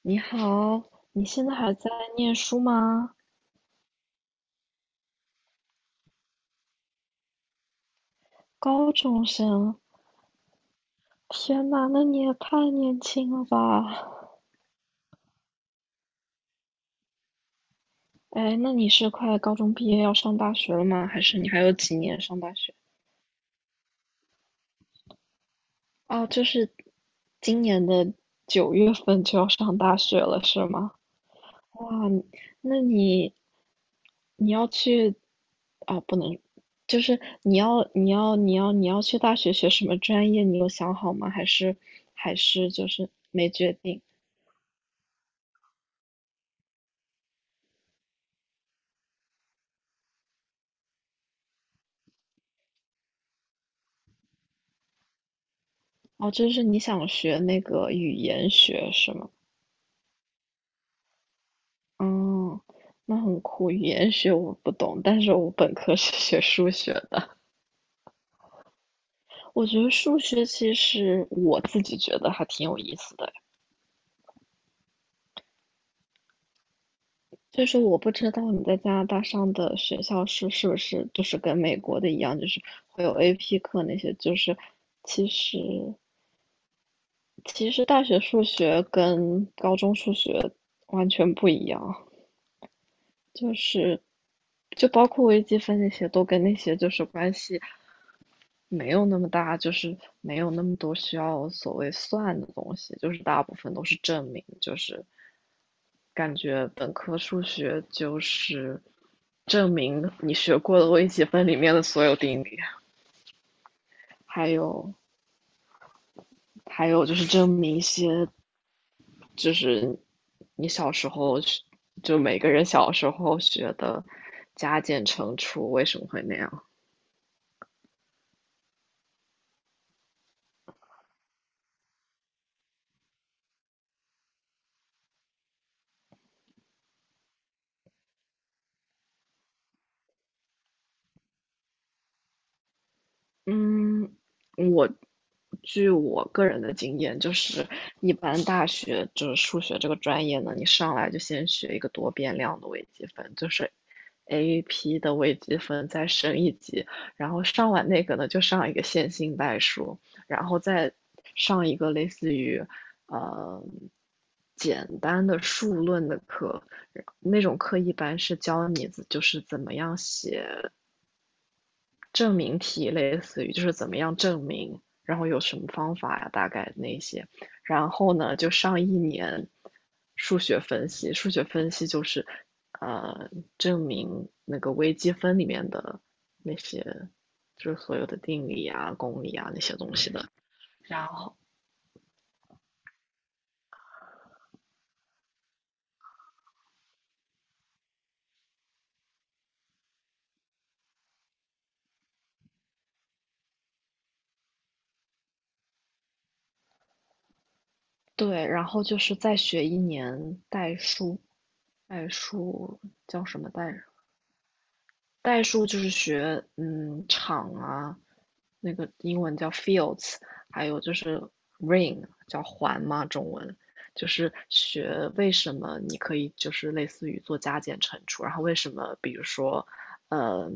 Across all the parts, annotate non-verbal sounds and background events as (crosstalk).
你好，你现在还在念书吗？高中生，天呐，那你也太年轻了吧！哎，那你是快高中毕业要上大学了吗？还是你还有几年上大学？哦，就是今年的九月份就要上大学了，是吗？哇，那你你要去啊，不能，就是你要去大学学什么专业？你有想好吗？还是就是没决定？哦，就是你想学那个语言学是吗？嗯，那很酷。语言学我不懂，但是我本科是学数学的。我觉得数学其实我自己觉得还挺有意思的。所以说，我不知道你在加拿大上的学校是不是就是跟美国的一样，就是会有 AP 课那些，就是其实其实大学数学跟高中数学完全不一样。就是就包括微积分那些，都跟那些就是关系没有那么大，就是没有那么多需要所谓算的东西，就是大部分都是证明，就是感觉本科数学就是证明你学过的微积分里面的所有定理，还有还有就是证明一些就是你小时候就每个人小时候学的加减乘除为什么会那样。嗯，我据我个人的经验，就是一般大学就是数学这个专业呢，你上来就先学一个多变量的微积分，就是 AP 的微积分再升一级，然后上完那个呢，就上一个线性代数，然后再上一个类似于呃简单的数论的课，那种课一般是教你就是怎么样写。证明题，类似于就是怎么样证明，然后有什么方法呀、啊大概那些。然后呢，就上一年数学分析，数学分析就是呃证明那个微积分里面的那些就是所有的定理啊、公理啊那些东西的。然后对，然后就是再学一年代数，代数叫什么代？代数就是学场啊，那个英文叫 fields，ring 叫环嘛，中文就是学为什么你可以就是类似于做加减乘除，然后为什么比如说，呃，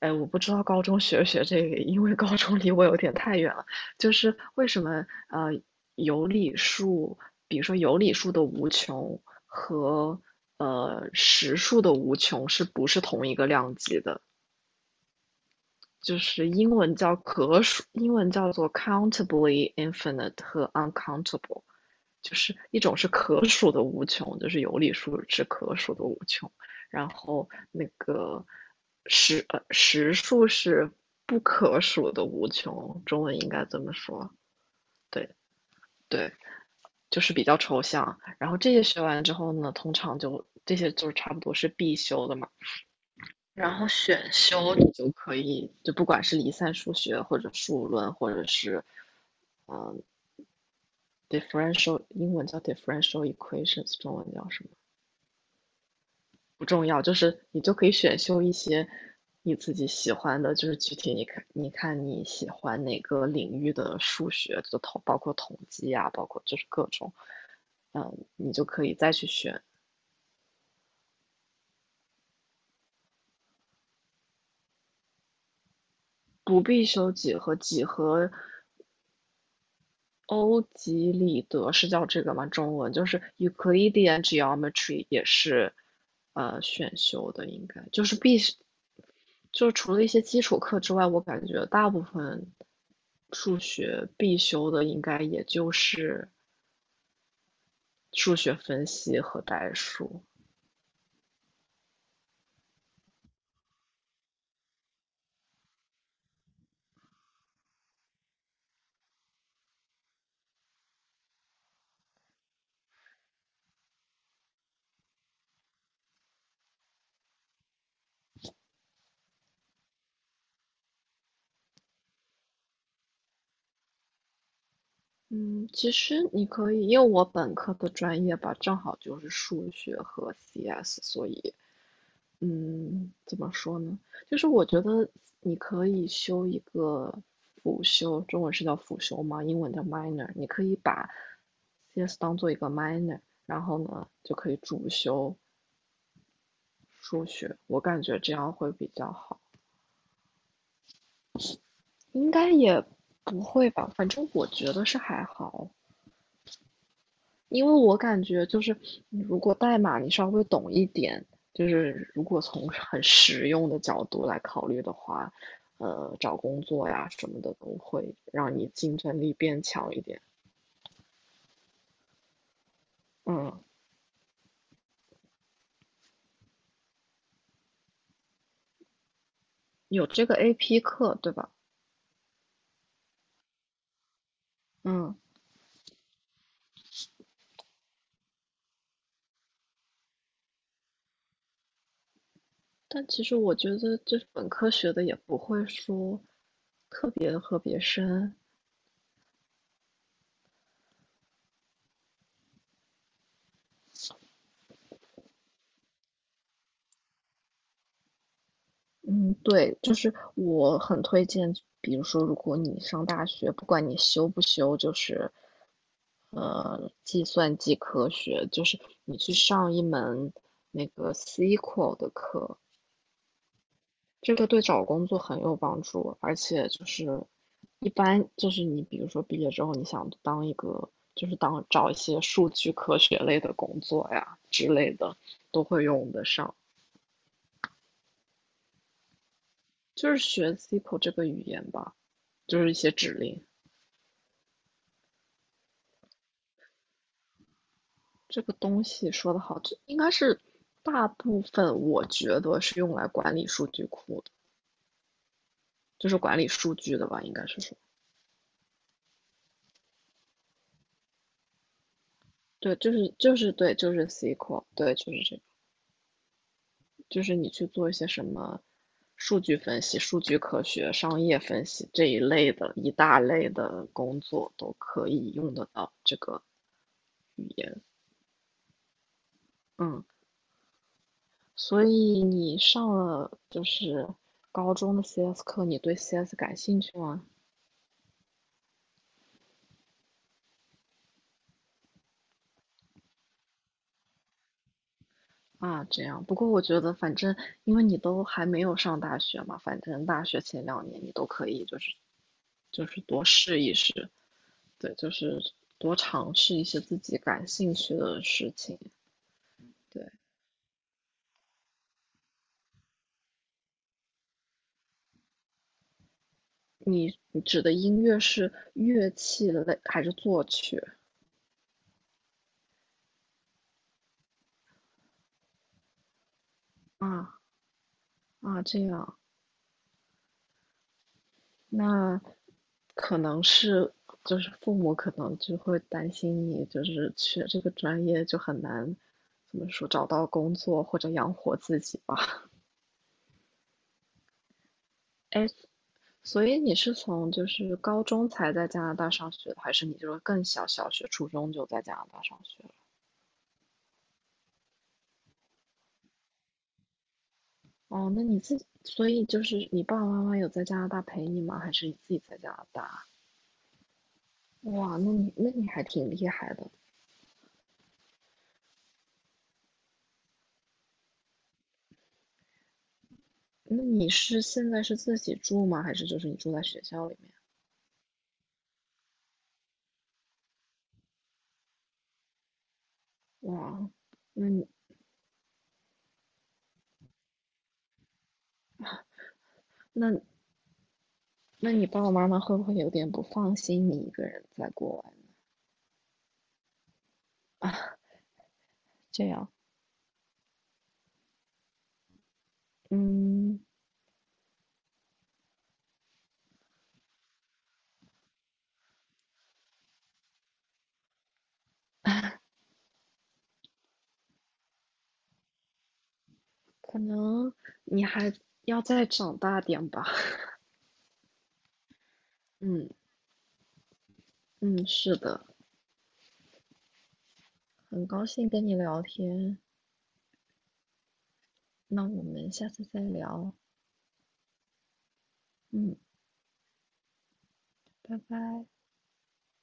哎，我不知道高中学 (laughs) 不学这个，因为高中离我有点太远了。就是为什么有理数，比如说有理数的无穷和实数的无穷是不是同一个量级的？就是英文叫可数，英文叫做 countably infinite 和 uncountable。就是一种是可穷，就是有理数是可数的无穷，然后那个实呃数是不可数的无穷，中文应该这么说，对对，就是比较抽象。然后这些学完之后呢，通常就这些就是差不多是必修的嘛。然后选修你就可以，就不管是离散数学或者数论，或者是 differential，英文叫 differential equations，中文叫什么？不重要，就是你就可以选修一些你自己喜欢的，就是具体你看，你看你喜欢哪个领域的数学，就包括统计啊，包括就是各种，嗯，你就可以再去选。不必修几何，几何欧几里得是叫这个吗？中文就是 Euclidean Geometry 也是选修的，应该就是必须，就除了一些基础课之外，我感觉大部分数学必修的应该也就是数学分析和代数。嗯，其实你可以，因为我本科的专业吧，正好就是数学和 CS，所以嗯，怎么说呢？就是我觉得你可以修一个辅修，中文是叫辅修吗？英文叫 minor，你可以把 CS 当做一个 minor，然后呢就可以主修数学，我感觉这样会比较好。应该也不会吧，反正我觉得是还好，因为我感觉就是你如果代码你稍微懂一点，就是如果从很实用的角度来考虑的话，找工作呀什么的都会让你竞争力变强一点。嗯，有这个 AP 课，对吧？嗯，但其实我觉得就是本科学的也不会说特别的特别深，嗯，对，就是我很推荐，比如说，如果你上大学，不管你修不修，就是计算机科学，就是你去上一门那个 SQL 的课，这个对找工作很有帮助，而且就是一般就是你比如说毕业之后，你想当一个就是当找一些数据科学类的工作呀之类的，都会用得上，就是学 SQL 这个语言吧，就是一些指令。这个东西说的好，这应该是大部分我觉得是用来管理数据库的，就是管理数据的吧，应该是说，对，就是对，就是 SQL，对，就是这个，就是你去做一些什么数据分析、数据科学、商业分析这一类的一大类的工作都可以用得到这个语言，嗯，所以你上了就是高中的 CS 课，你对 CS 感兴趣吗？啊，这样。不过我觉得，反正因为你都还没有上大学嘛，反正大学前两年你都可以，就是多试一试，对，就是多尝试一些自己感兴趣的事情。对，你指的音乐是乐器类还是作曲？啊啊，这样。那可能是就是父母可能就会担心你，就是学这个专业就很难，怎么说，找到工作或者养活自己吧。(laughs) 哎，所以你是从就是高中才在加拿大上学的，还是你就是更小，小学、初中就在加拿大上学了？哦，那你自己，所以就是你爸爸妈妈有在加拿大陪你吗？还是你自己在加拿大？哇，那你还挺厉害的。那你是现在是自己住吗？还是就是你住在学校里面？哇，那你那那你爸爸妈妈会不会有点不放心你一个人在国外这样？嗯，可能你还要再长大点吧。(laughs) 嗯。嗯，是的，很高兴跟你聊天，那我们下次再聊。嗯，拜拜。